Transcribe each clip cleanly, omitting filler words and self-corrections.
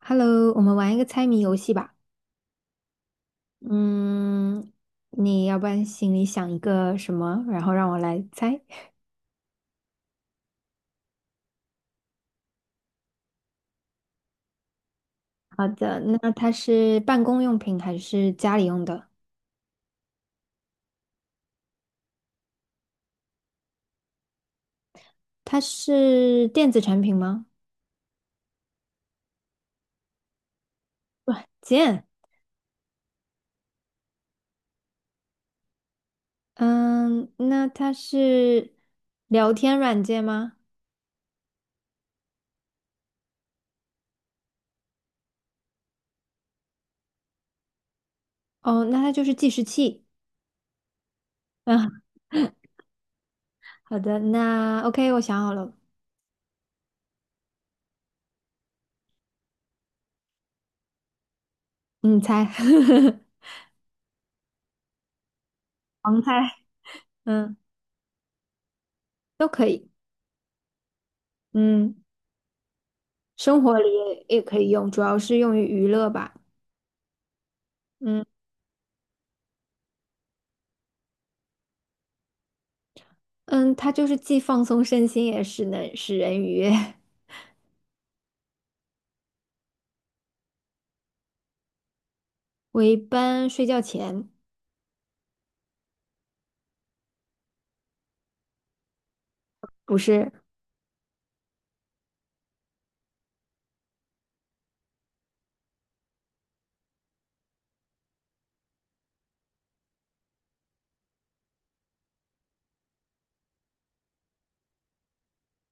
Hello，我们玩一个猜谜游戏吧。嗯，你要不然心里想一个什么，然后让我来猜。好的，那它是办公用品还是家里用的？它是电子产品吗？软件。嗯，那它是聊天软件吗？哦，那它就是计时器。嗯，好的，那 OK，我想好了，你猜，盲猜，嗯，都可以。嗯。生活里也可以用，主要是用于娱乐吧。嗯嗯，它就是既放松身心，也是能使人愉悦。我一般睡觉前不是，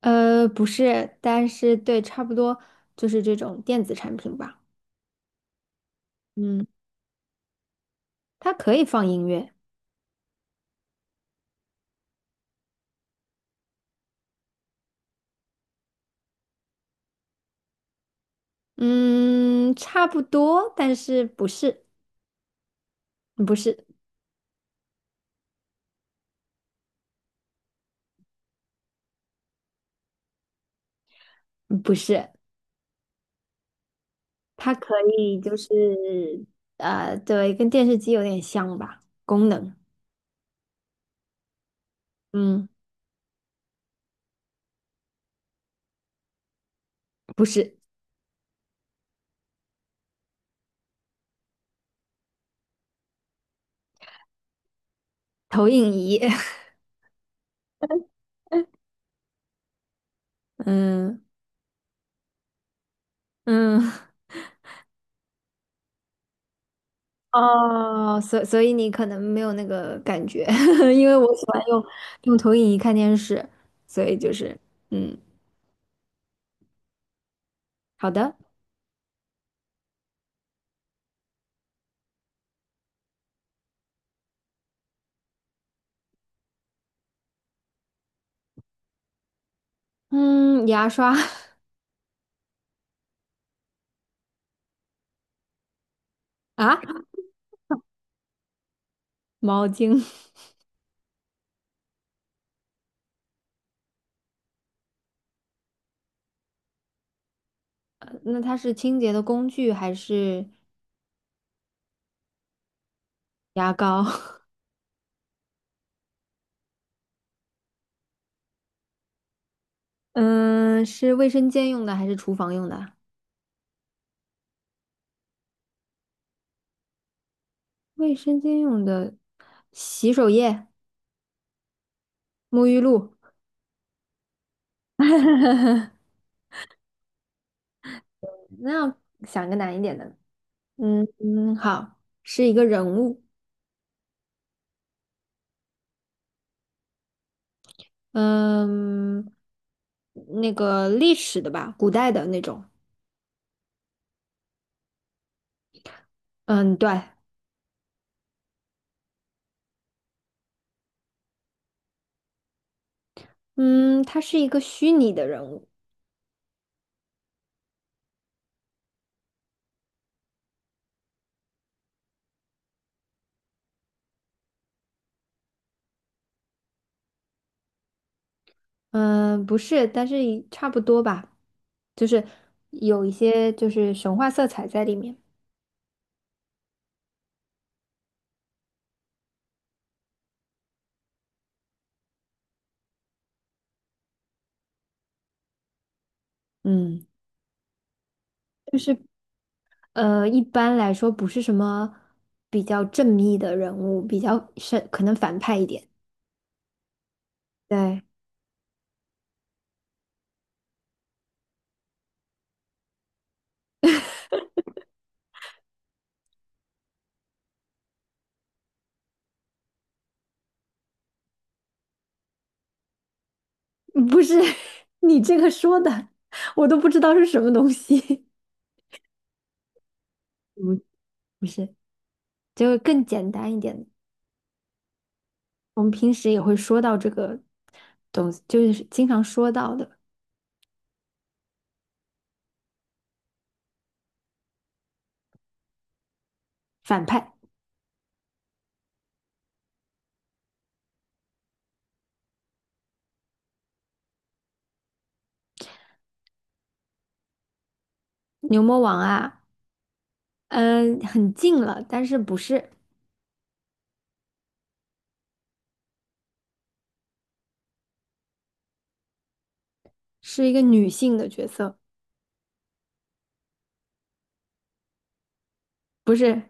不是，但是对，差不多就是这种电子产品吧。嗯，它可以放音乐。嗯，差不多，但是不是，不是，嗯不是，它可以就是对，跟电视机有点像吧，功能。嗯，不是投影仪。嗯嗯，哦，所以你可能没有那个感觉，因为我喜欢用投影仪看电视，所以就是嗯，好的，嗯，牙刷 啊，毛巾，那它是清洁的工具还是牙膏？嗯，是卫生间用的还是厨房用的？卫生间用的洗手液、沐浴露，那要想个难一点的。嗯嗯，好，是一个人物。嗯，那个历史的吧，古代的那种。嗯，对，嗯，他是一个虚拟的人物。嗯，不是，但是也差不多吧，就是有一些就是神话色彩在里面。嗯，就是一般来说不是什么比较正义的人物，比较是可能反派一点。对，不是 你这个说的，我都不知道是什么东西。不，不是，就是更简单一点的我们平时也会说到这个东西，就是经常说到的反派牛魔王啊，嗯，很近了，但是不是，是一个女性的角色，不是，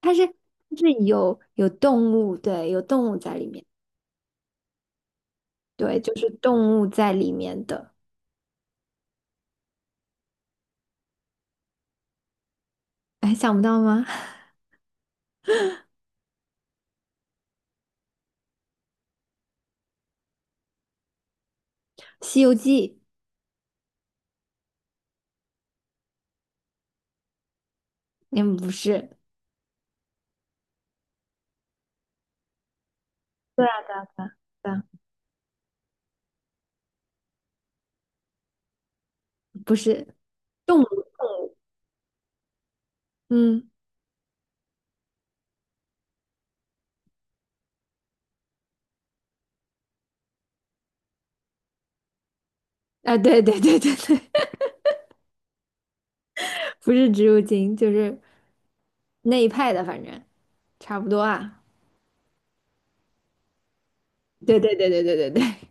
它是有动物，对，有动物在里面，对，就是动物在里面的，哎，想不到吗？《西游记》嗯，不是，对啊，对啊不是动物，动物，嗯，啊，对对对对对，不是植物精，就是。那一派的，反正差不多啊。对对对对对对对，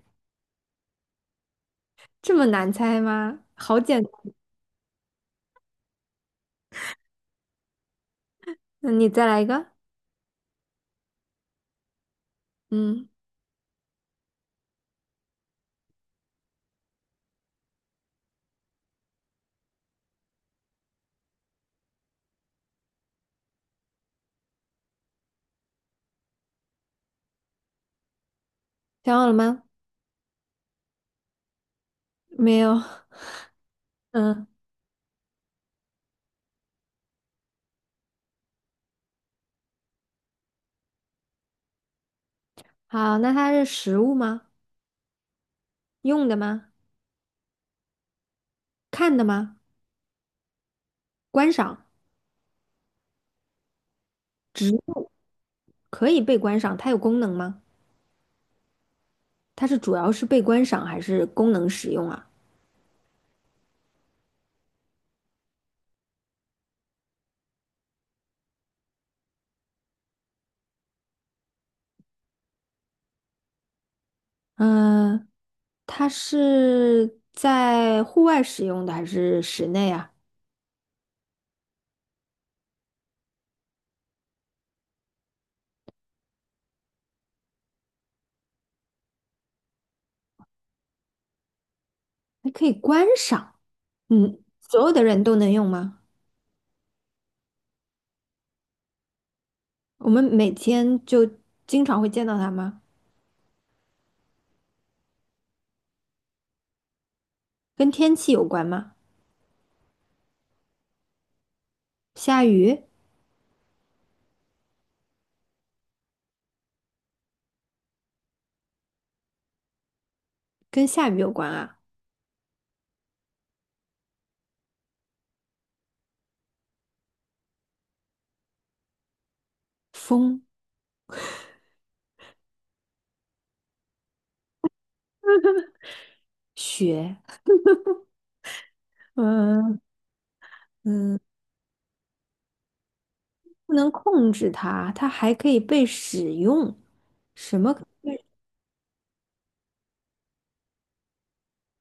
这么难猜吗？好简单。那你再来一个。嗯，想好了吗？没有。嗯，好，那它是实物吗？用的吗？看的吗？观赏，可以被观赏，它有功能吗？它是主要是被观赏还是功能使用啊？嗯，它是在户外使用的还是室内啊？还可以观赏。嗯，所有的人都能用吗？我们每天就经常会见到它吗？跟天气有关吗？下雨，跟下雨有关啊。风、雪，嗯，不能控制它，它还可以被使用。什么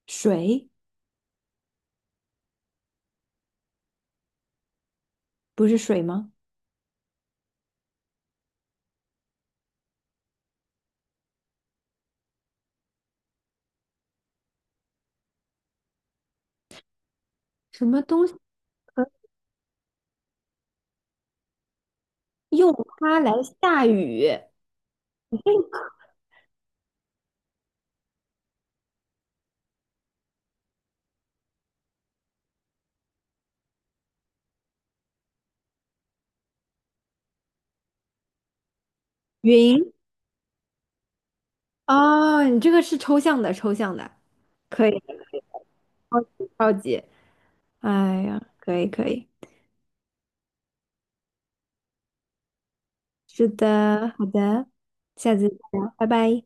水？不是水吗？什么东西可以用它来下雨？云啊，哦你这个是抽象的，抽象的，可以，超级超级，哎呀，可以可以，是的，好的，下次再聊，拜拜。